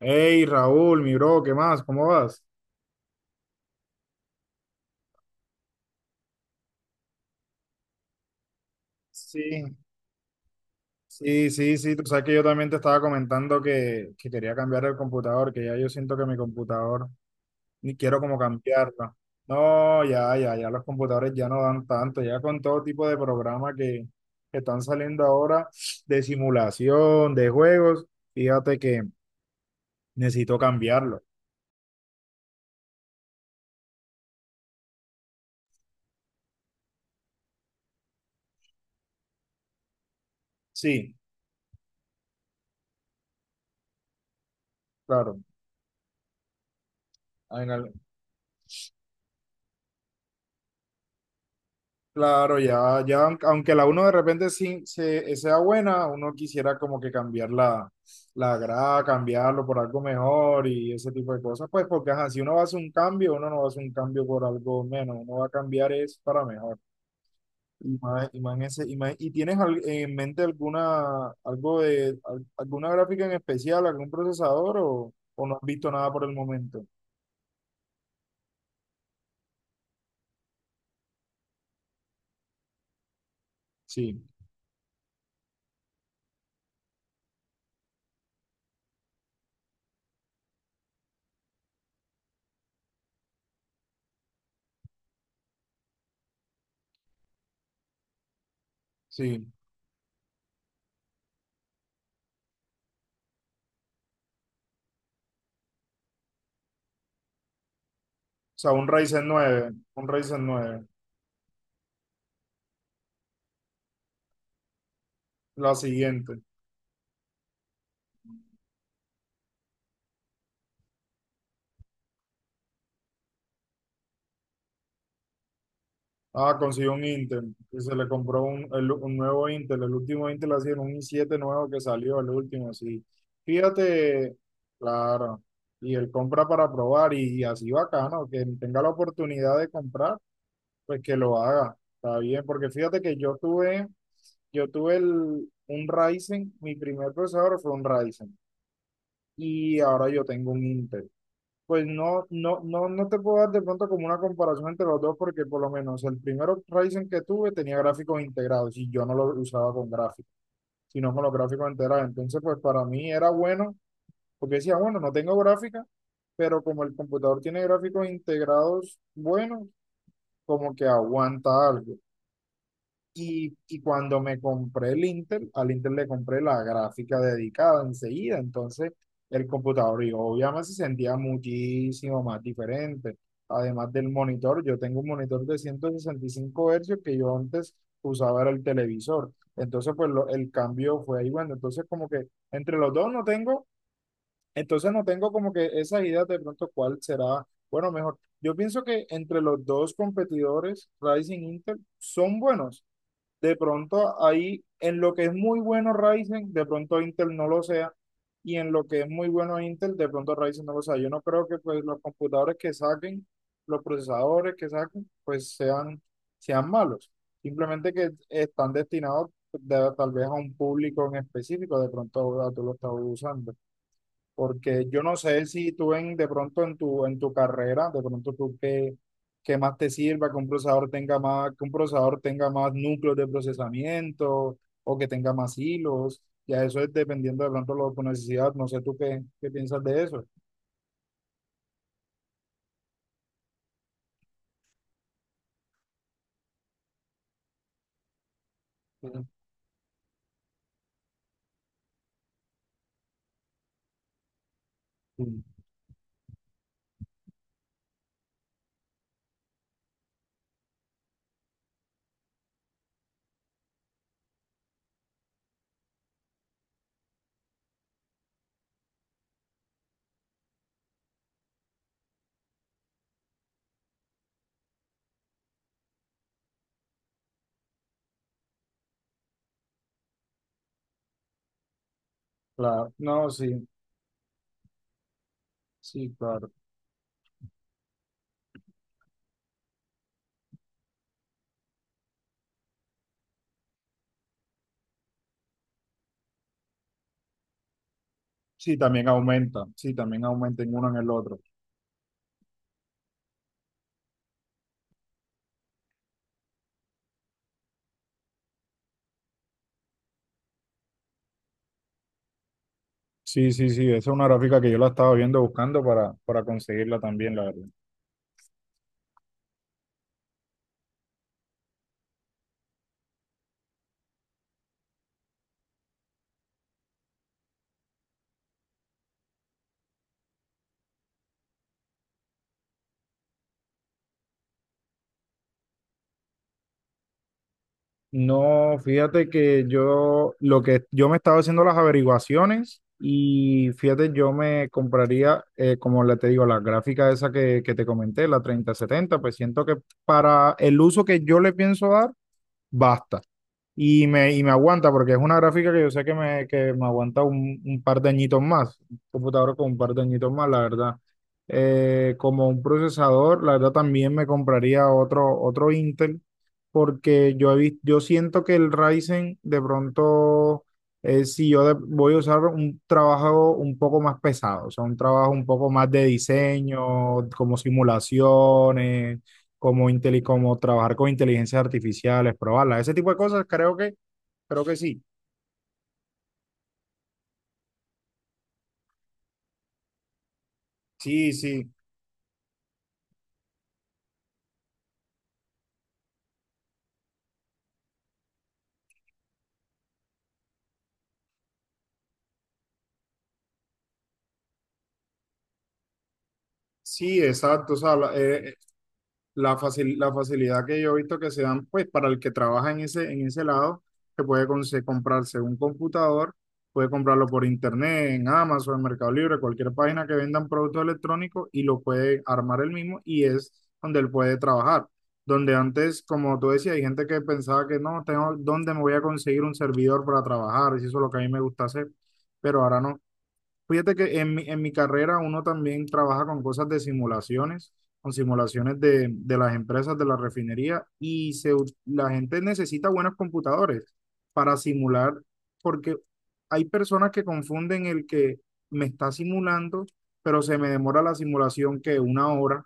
Hey Raúl, mi bro, ¿qué más? ¿Cómo vas? Sí. Sí, sí, sí, tú sabes que yo también te estaba comentando que quería cambiar el computador, que ya yo siento que mi computador ni quiero como cambiarlo. No, ya, ya, ya los computadores ya no dan tanto, ya con todo tipo de programas que están saliendo ahora de simulación, de juegos, fíjate que necesito cambiarlo. Sí, claro. en al- Claro, ya, ya, aunque la uno de repente sí, sea buena, uno quisiera como que cambiar la grada, cambiarlo por algo mejor y ese tipo de cosas, pues porque ajá, si uno va a hacer un cambio, uno no va a hacer un cambio por algo menos, uno va a cambiar es para mejor. Y más, ¿y tienes en mente alguna, alguna gráfica en especial, algún procesador o no has visto nada por el momento? Sí, sí. O sea, un Ryzen nueve la siguiente. Ah, consiguió un Intel. Y se le compró un nuevo Intel. El último Intel ha sido un i7 nuevo que salió, el último, sí. Fíjate, claro. Y él compra para probar y, así bacano, que tenga la oportunidad de comprar, pues que lo haga. Está bien, porque fíjate que yo tuve un Ryzen, mi primer procesador fue un Ryzen. Y ahora yo tengo un Intel. Pues no, no, no, no te puedo dar de pronto como una comparación entre los dos, porque por lo menos el primero Ryzen que tuve tenía gráficos integrados y yo no lo usaba con gráficos, sino con los gráficos integrados. Entonces, pues para mí era bueno, porque decía, bueno, no tengo gráfica, pero como el computador tiene gráficos integrados buenos, como que aguanta algo. Y cuando me compré el Intel, al Intel le compré la gráfica dedicada enseguida, entonces el computador y obviamente se sentía muchísimo más diferente. Además del monitor, yo tengo un monitor de 165 hercios que yo antes usaba era el televisor. Entonces, el cambio fue ahí, bueno, entonces como que entre los dos no tengo, entonces no tengo como que esa idea de pronto cuál será, bueno, mejor. Yo pienso que entre los dos competidores, Ryzen e Intel, son buenos de pronto ahí, en lo que es muy bueno Ryzen, de pronto Intel no lo sea. Y en lo que es muy bueno Intel, de pronto Ryzen no lo sea. Yo no creo que pues los computadores que saquen, los procesadores que saquen, pues sean, sean malos. Simplemente que están destinados pues, tal vez a un público en específico, de pronto ahora tú lo estás usando. Porque yo no sé si tú en, de pronto en tu carrera, de pronto tú qué, qué más te sirva, que un procesador tenga más, que un procesador tenga más núcleos de procesamiento o que tenga más hilos. Ya eso es dependiendo de pronto lo, tu necesidad. No sé tú qué, piensas de eso. Sí, sí. Claro, no, sí, sí, claro. Sí, también aumenta en uno en el otro. Sí, sí, sí, esa es una gráfica que yo la estaba viendo buscando para conseguirla también, la verdad. No, fíjate que yo lo que yo me estaba haciendo las averiguaciones y fíjate, yo me compraría, como le te digo, la gráfica esa que te comenté, la 3070 pues siento que para el uso que yo le pienso dar, basta. Y me aguanta porque es una gráfica que yo sé que me, aguanta un par de añitos más, un computador con un par de añitos más, la verdad. Como un procesador, la verdad también me compraría otro, otro Intel porque yo, yo siento que el Ryzen de pronto, si yo voy a usar un trabajo un poco más pesado, o sea, un trabajo un poco más de diseño, como simulaciones como, como trabajar con inteligencias artificiales, probarlas, ese tipo de cosas, creo que, sí. Sí, sí, sí, exacto. O sea, la facilidad que yo he visto que se dan, pues para el que trabaja en ese lado, que puede comprarse un computador, puede comprarlo por internet, en Amazon, en Mercado Libre, cualquier página que vendan productos electrónicos y lo puede armar él mismo y es donde él puede trabajar. Donde antes, como tú decías, hay gente que pensaba que no, tengo, ¿dónde me voy a conseguir un servidor para trabajar? Y eso es lo que a mí me gusta hacer, pero ahora no. Fíjate que en en mi carrera uno también trabaja con cosas de simulaciones, con simulaciones de las empresas de la refinería y la gente necesita buenos computadores para simular, porque hay personas que confunden el que me está simulando, pero se me demora la simulación que una hora.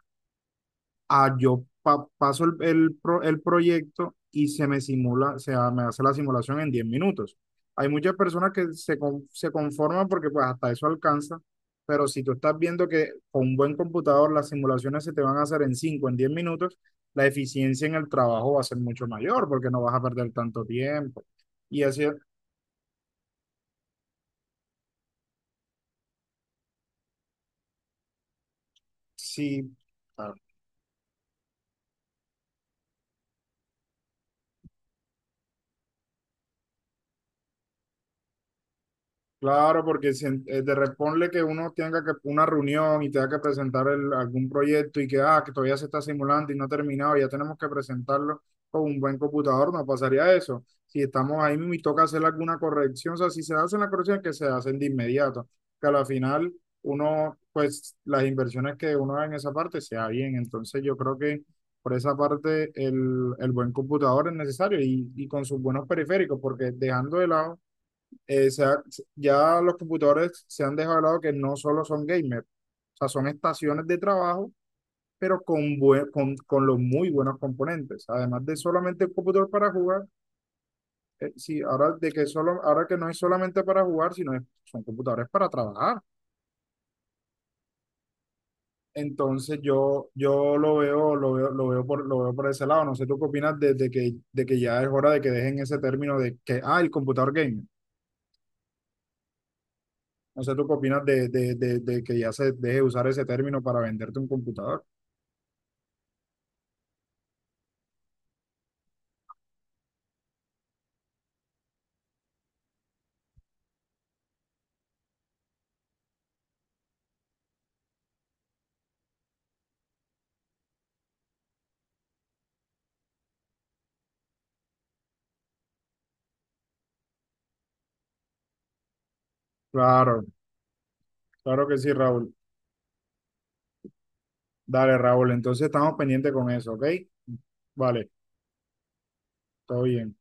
Yo paso el proyecto y se me simula, o sea, me hace la simulación en 10 minutos. Hay muchas personas que se conforman porque pues hasta eso alcanza, pero si tú estás viendo que con un buen computador las simulaciones se te van a hacer en 5 en 10 minutos, la eficiencia en el trabajo va a ser mucho mayor porque no vas a perder tanto tiempo. Y así, si claro, porque si de responde que uno tenga que una reunión y tenga que presentar algún proyecto y que, ah, que todavía se está simulando y no ha terminado, ya tenemos que presentarlo con un buen computador, no pasaría eso. Si estamos ahí mismo y toca hacer alguna corrección, o sea, si se hacen las correcciones, que se hacen de inmediato, que a la final uno, pues las inversiones que uno haga en esa parte sea bien. Entonces yo creo que por esa parte el buen computador es necesario y con sus buenos periféricos, porque dejando de lado se ha ya los computadores se han dejado de lado que no solo son gamers, o sea, son estaciones de trabajo, pero con los muy buenos componentes. Además de solamente el computador para jugar, sí, ahora que no es solamente para jugar, son computadores para trabajar. Entonces yo lo veo, lo veo, lo veo por ese lado. No sé tú qué opinas de que ya es hora de que dejen ese término de que, ah, el computador gamer. No sé, ¿tú qué opinas de que ya se deje de usar ese término para venderte un computador? Claro, claro que sí, Raúl. Dale, Raúl. Entonces estamos pendientes con eso, ¿ok? Vale, todo bien.